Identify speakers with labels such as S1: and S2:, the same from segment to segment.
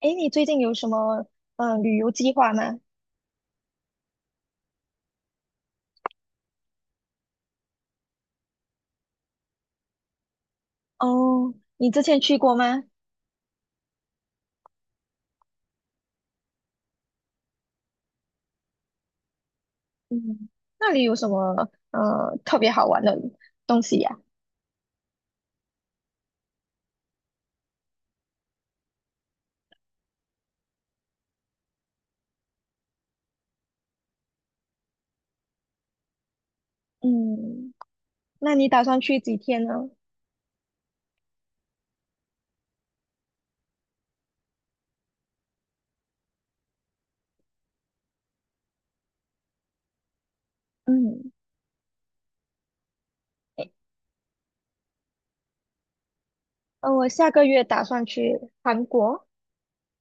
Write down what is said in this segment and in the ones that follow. S1: 哎，你最近有什么旅游计划吗？哦，你之前去过吗？嗯，那里有什么特别好玩的东西呀？嗯，那你打算去几天呢？嗯，诶，我下个月打算去韩国。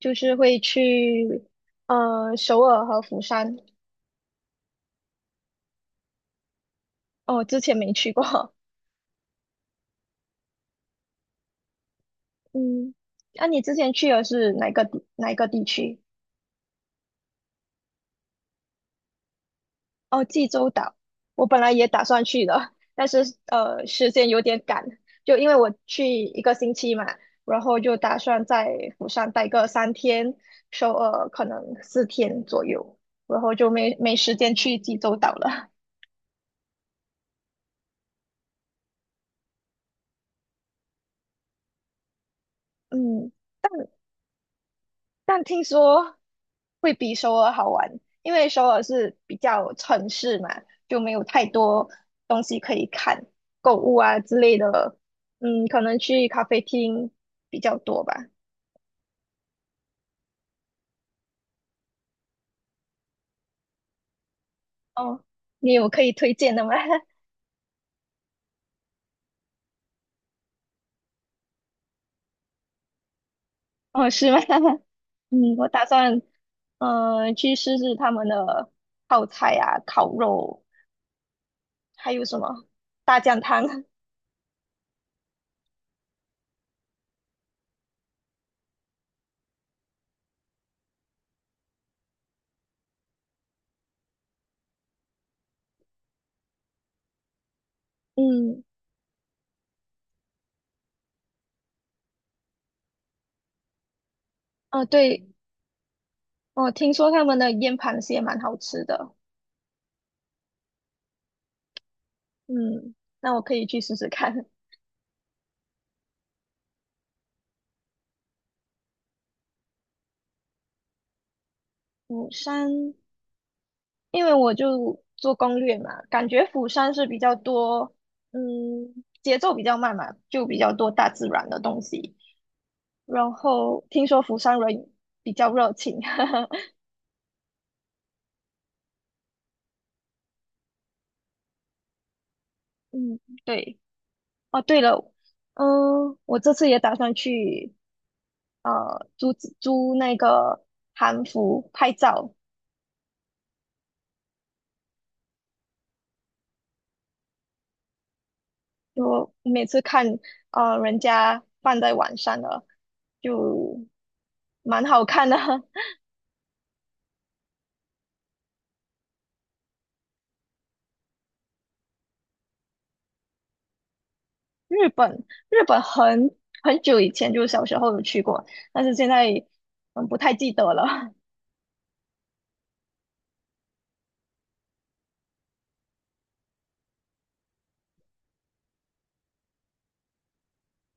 S1: 就是会去首尔和釜山。哦，之前没去过。嗯，那，你之前去的是哪个地区？哦，济州岛。我本来也打算去的，但是时间有点赶，就因为我去一个星期嘛，然后就打算在釜山待个3天，首尔可能4天左右，然后就没时间去济州岛了。嗯。但听说会比首尔好玩，因为首尔是比较城市嘛，就没有太多东西可以看，购物啊之类的，嗯，可能去咖啡厅比较多吧。哦，你有可以推荐的吗？哦，是吗？嗯，我打算去试试他们的泡菜啊、烤肉，还有什么大酱汤。嗯，哦，对，我听说他们的腌螃蟹蛮好吃的。嗯，那我可以去试试看釜山，因为我就做攻略嘛，感觉釜山是比较多，节奏比较慢嘛，就比较多大自然的东西。然后听说釜山人比较热情。嗯，对。哦，对了，我这次也打算去呃租租那个韩服拍照，就每次看人家放在晚上的，就蛮好看的。日本很久以前就是小时候有去过，但是现在不太记得了。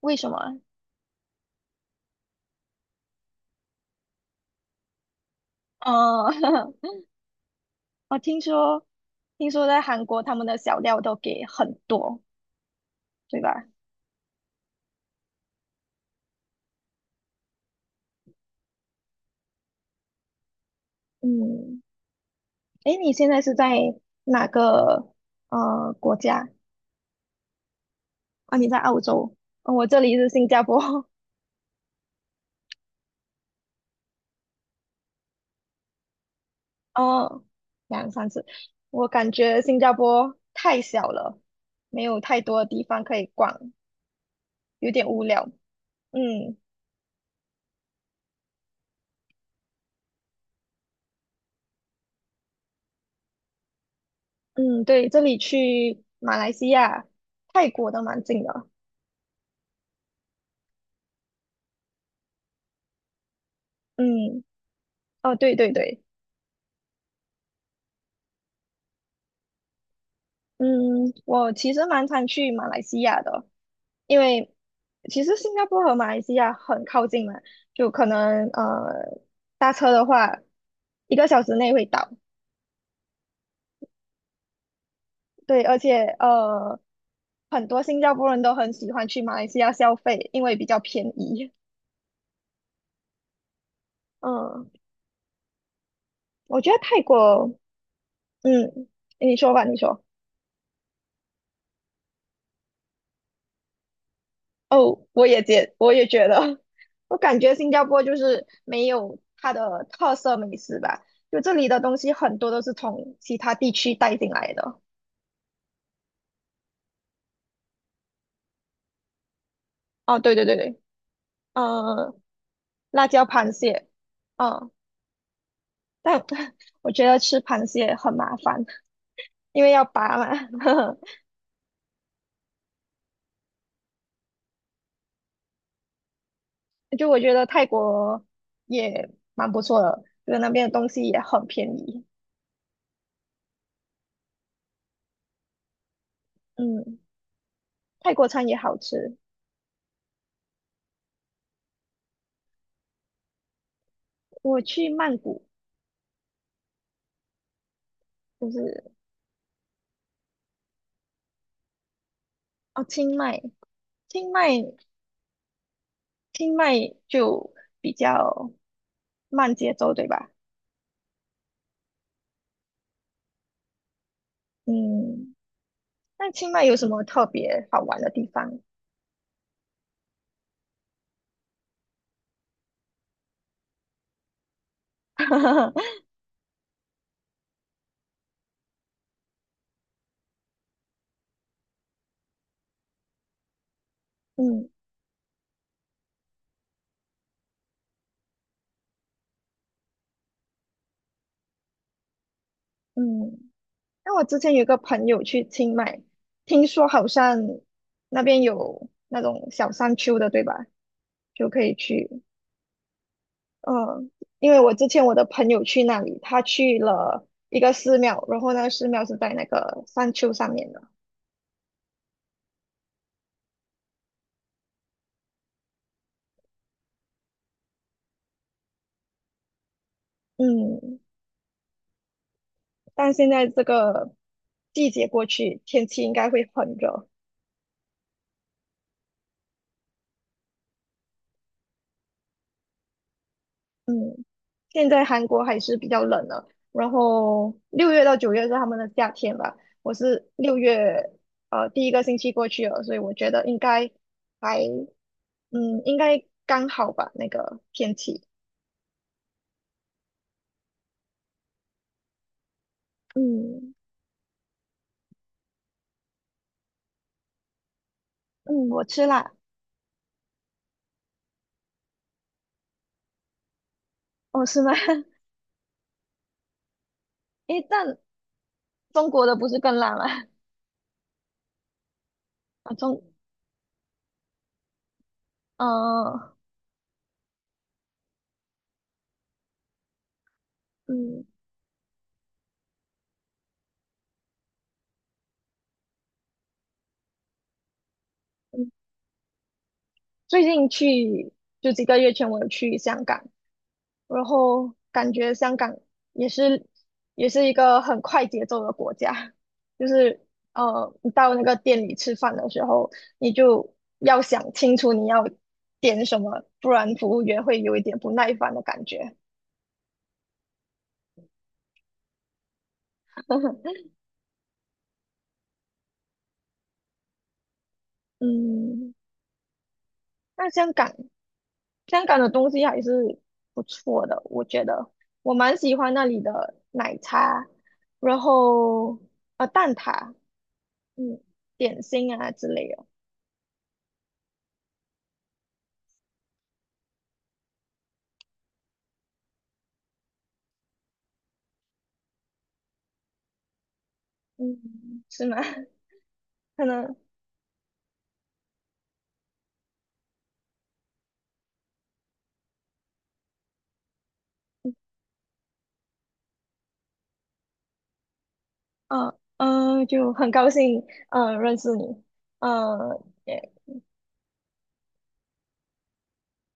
S1: 为什么？呃，我听说在韩国他们的小料都给很多，对吧？嗯，诶，你现在是在哪个国家？啊，你在澳洲，哦，我这里是新加坡。哦，两三次，我感觉新加坡太小了，没有太多的地方可以逛，有点无聊。嗯嗯，对，这里去马来西亚、泰国都蛮近的。嗯，哦，对对对，嗯，我其实蛮常去马来西亚的，因为其实新加坡和马来西亚很靠近嘛，就可能搭车的话，一个小时内会到。对，而且很多新加坡人都很喜欢去马来西亚消费，因为比较便宜。嗯，我觉得泰国，嗯，你说吧，你说。哦，我也觉得。我感觉新加坡就是没有它的特色美食吧，就这里的东西很多都是从其他地区带进来的。哦，对对对对，嗯，辣椒螃蟹。嗯，但 我觉得吃螃蟹很麻烦，因为要拔嘛。就我觉得泰国也蛮不错的，就是那边的东西也很便宜。嗯，泰国餐也好吃。我去曼谷，就是哦，清迈，清迈，清迈就比较慢节奏，对吧？嗯，那清迈有什么特别好玩的地方？嗯嗯，那我之前有个朋友去清迈，听说好像那边有那种小山丘的，对吧？就可以去。嗯，因为我之前我的朋友去那里，他去了一个寺庙，然后那个寺庙是在那个山丘上面的。嗯，但现在这个季节过去，天气应该会很热。嗯，现在韩国还是比较冷的，然后六月到9月是他们的夏天吧。我是六月第一个星期过去了，所以我觉得应该还应该刚好吧那个天气。嗯嗯，我吃辣。哦，是吗？诶，但中国的不是更烂吗？啊，中，嗯、嗯嗯，最近去就几个月前我有去香港，然后感觉香港也是也是一个很快节奏的国家，就是你到那个店里吃饭的时候，你就要想清楚你要点什么，不然服务员会有一点不耐烦的感觉。嗯，那香港。香港的东西还是不错的。我觉得我蛮喜欢那里的奶茶，然后蛋挞，嗯，点心啊之类的。嗯，是吗？可能，就很高兴，认识你，呃，